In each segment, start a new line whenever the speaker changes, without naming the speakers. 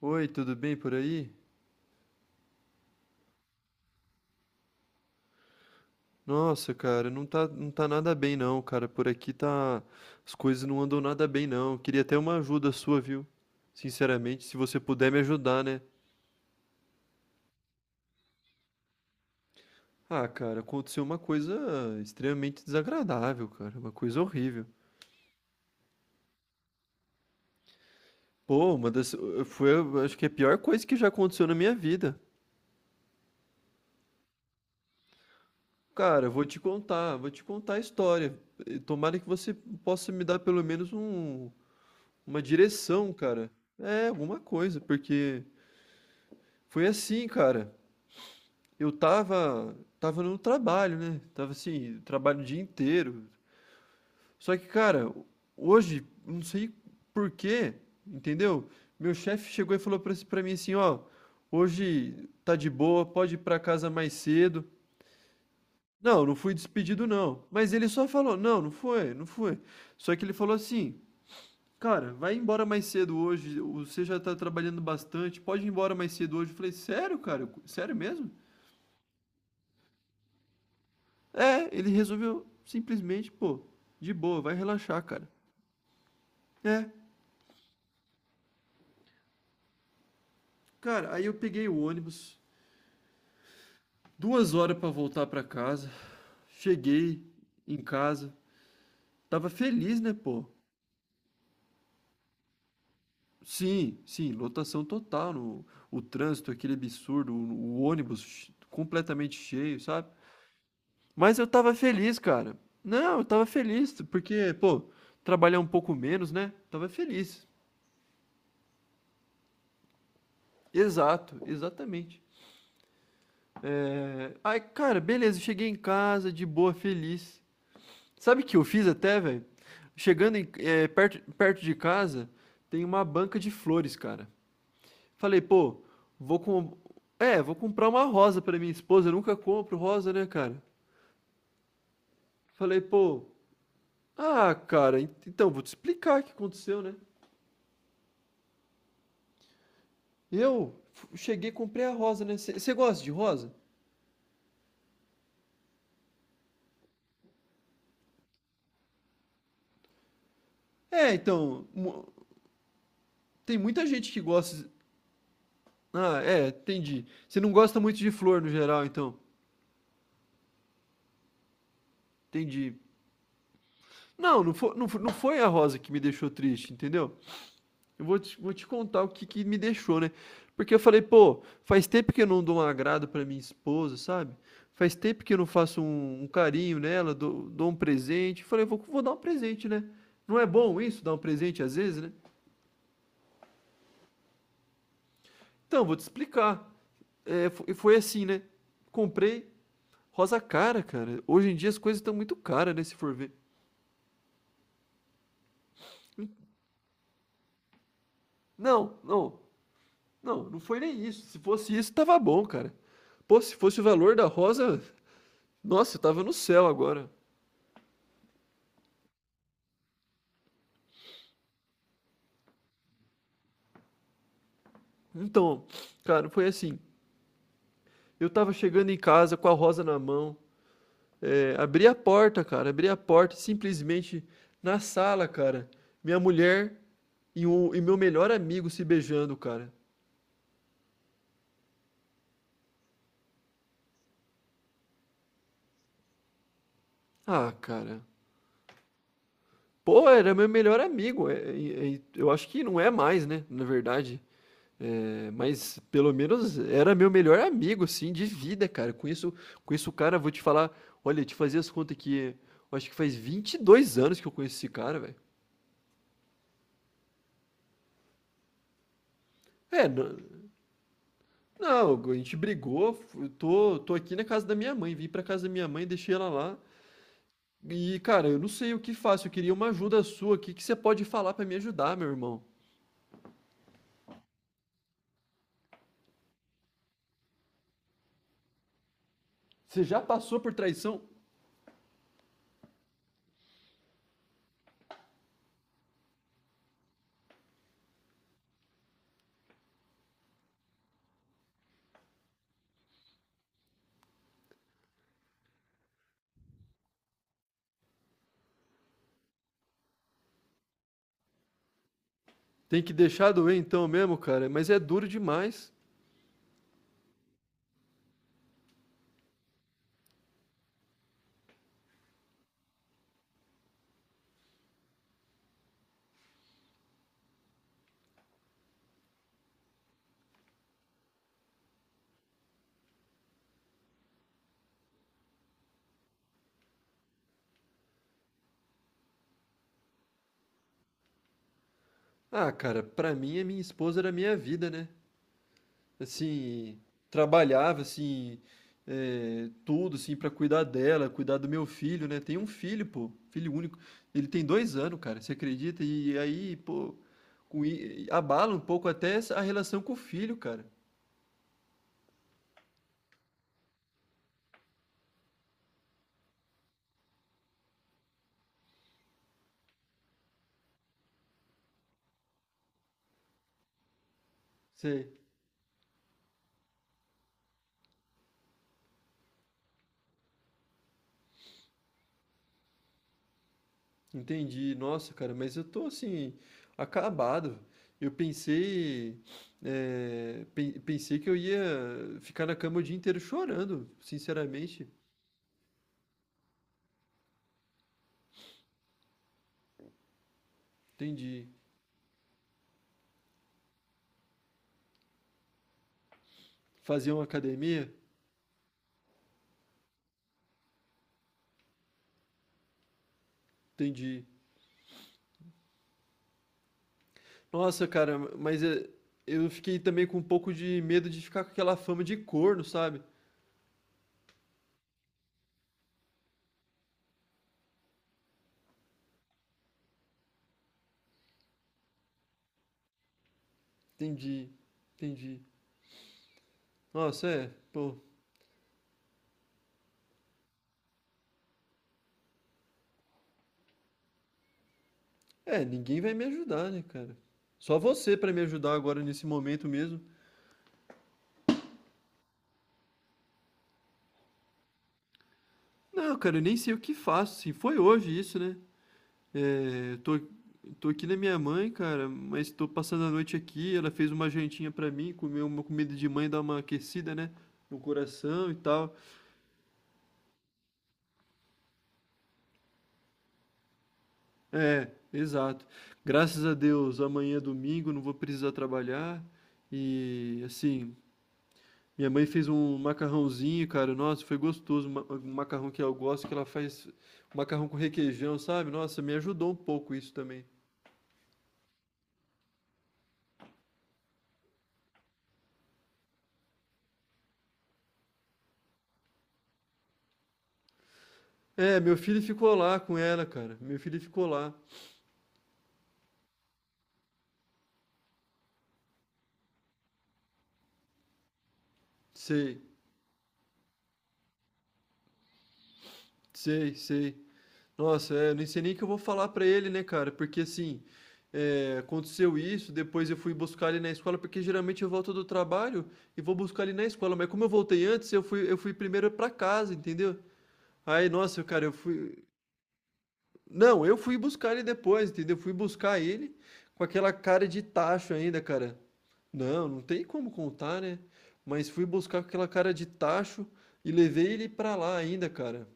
Oi, tudo bem por aí? Nossa, cara, não tá nada bem não, cara. Por aqui tá. As coisas não andam nada bem não. Queria até uma ajuda sua, viu? Sinceramente, se você puder me ajudar, né? Ah, cara, aconteceu uma coisa extremamente desagradável, cara. Uma coisa horrível. Pô, uma das. Eh, Foi, eu acho que é a pior coisa que já aconteceu na minha vida. Cara, eu vou te contar a história. Tomara que você possa me dar pelo menos uma direção, cara. É, alguma coisa, porque. Foi assim, cara. Eu tava no trabalho, né? Tava assim, trabalho o dia inteiro. Só que, cara, hoje, não sei por quê, entendeu? Meu chefe chegou e falou pra mim assim, ó, hoje tá de boa, pode ir pra casa mais cedo. Não, não fui despedido não. Mas ele só falou, não, não foi. Só que ele falou assim, cara, vai embora mais cedo hoje, você já tá trabalhando bastante, pode ir embora mais cedo hoje. Eu falei, sério, cara? Sério mesmo? É, ele resolveu simplesmente, pô, de boa, vai relaxar, cara. É, cara, aí eu peguei o ônibus, 2 horas pra voltar pra casa, cheguei em casa, tava feliz, né, pô? Sim, sim, lotação total, no, o trânsito, aquele absurdo, o ônibus completamente cheio, sabe? Mas eu tava feliz, cara. Não, eu tava feliz, porque, pô, trabalhar um pouco menos, né? Tava feliz. Exato, exatamente. Aí, cara, beleza, cheguei em casa, de boa, feliz. Sabe o que eu fiz até, velho? Chegando perto de casa, tem uma banca de flores, cara. Falei, pô, vou com... vou comprar uma rosa pra minha esposa, eu nunca compro rosa, né, cara? Falei, pô, ah, cara, então, vou te explicar o que aconteceu, né? Eu cheguei e comprei a rosa, né? Você gosta de rosa? É, então, tem muita gente que gosta. Ah, é, entendi. Você não gosta muito de flor no geral, então. Entendi. Não, não foi, não fo- não foi a rosa que me deixou triste, entendeu? Eu vou te contar o que me deixou, né? Porque eu falei, pô, faz tempo que eu não dou um agrado pra minha esposa, sabe? Faz tempo que eu não faço um carinho nela, dou um presente. Falei, vou dar um presente, né? Não é bom isso, dar um presente às vezes, né? Então, vou te explicar. É, e foi assim, né? Comprei rosa cara, cara. Hoje em dia as coisas estão muito caras, né? Se for ver. Não, não, não, não foi nem isso. Se fosse isso, tava bom, cara. Pô, se fosse o valor da rosa, nossa, eu tava no céu agora. Então, cara, foi assim. Eu tava chegando em casa com a rosa na mão. É, abri a porta, cara, abri a porta simplesmente na sala, cara. Minha mulher e meu melhor amigo se beijando, cara. Ah, cara. Pô, era meu melhor amigo. Eu acho que não é mais, né? Na verdade. É, mas pelo menos era meu melhor amigo, assim, de vida, cara. Com isso, cara, vou te falar. Olha, te fazer as contas aqui, eu acho que faz 22 anos que eu conheço esse cara, velho. É, não, não, a gente brigou. Eu tô aqui na casa da minha mãe. Vim pra casa da minha mãe, deixei ela lá. E, cara, eu não sei o que faço. Eu queria uma ajuda sua. O que que você pode falar pra me ajudar, meu irmão? Você já passou por traição? Tem que deixar doer então mesmo, cara. Mas é duro demais. Ah, cara, pra mim, a minha esposa era a minha vida, né? Assim, trabalhava, assim, tudo, assim, pra cuidar dela, cuidar do meu filho, né? Tem um filho, pô, filho único. Ele tem 2 anos, cara, você acredita? E aí, pô, abala um pouco até a relação com o filho, cara. Você Entendi, nossa, cara, mas eu tô assim, acabado. Eu pensei, pensei que eu ia ficar na cama o dia inteiro chorando, sinceramente. Entendi. Fazer uma academia? Entendi. Nossa, cara, mas eu fiquei também com um pouco de medo de ficar com aquela fama de corno, sabe? Entendi, entendi. Nossa, pô. É, ninguém vai me ajudar, né, cara? Só você pra me ajudar agora nesse momento mesmo. Não, cara, eu nem sei o que faço. Se foi hoje isso, né? É, eu tô aqui na minha mãe, cara, mas tô passando a noite aqui. Ela fez uma jantinha pra mim, comeu uma comida de mãe, dá uma aquecida, né? No coração e tal. É, exato. Graças a Deus, amanhã é domingo, não vou precisar trabalhar. E assim, minha mãe fez um macarrãozinho, cara. Nossa, foi gostoso. Um macarrão que eu gosto, que ela faz um macarrão com requeijão, sabe? Nossa, me ajudou um pouco isso também. É, meu filho ficou lá com ela, cara. Meu filho ficou lá. Sei, sei, sei. Nossa, eu nem sei nem o que eu vou falar pra ele, né, cara? Porque assim, aconteceu isso, depois eu fui buscar ele na escola, porque geralmente eu volto do trabalho e vou buscar ele na escola, mas como eu voltei antes, eu fui primeiro pra casa, entendeu? Aí, nossa, cara, eu fui. Não, eu fui buscar ele depois, entendeu? Eu fui buscar ele com aquela cara de tacho ainda, cara. Não, não tem como contar, né? Mas fui buscar com aquela cara de tacho e levei ele pra lá ainda, cara.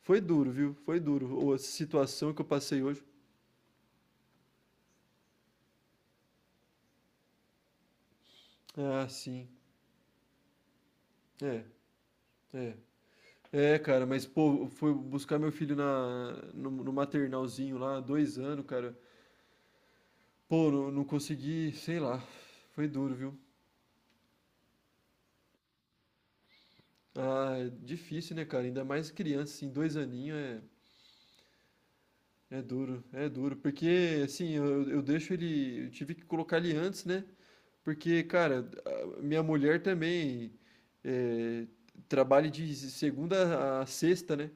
Foi duro, viu? Foi duro a situação que eu passei hoje. Ah, sim. É, é. É, cara, mas, pô, eu fui buscar meu filho na, no, no maternalzinho lá, 2 anos, cara. Pô, não consegui, sei lá. Foi duro, viu? Ah, é difícil, né, cara? Ainda mais criança, assim, 2 aninhos é duro, é duro. Porque, assim, eu deixo ele. Eu tive que colocar ele antes, né? Porque, cara, minha mulher também é, trabalha de segunda a sexta, né?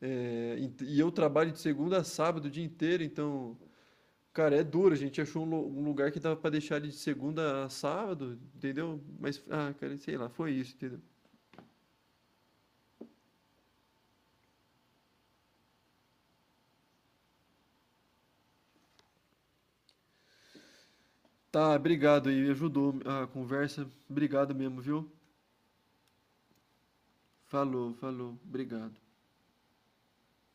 É, e eu trabalho de segunda a sábado o dia inteiro, então, cara, é duro. A gente achou um lugar que dava pra deixar ele de segunda a sábado, entendeu? Mas, ah, cara, sei lá, foi isso, entendeu? Tá, obrigado aí, ajudou a conversa. Obrigado mesmo, viu? Falou, falou, obrigado.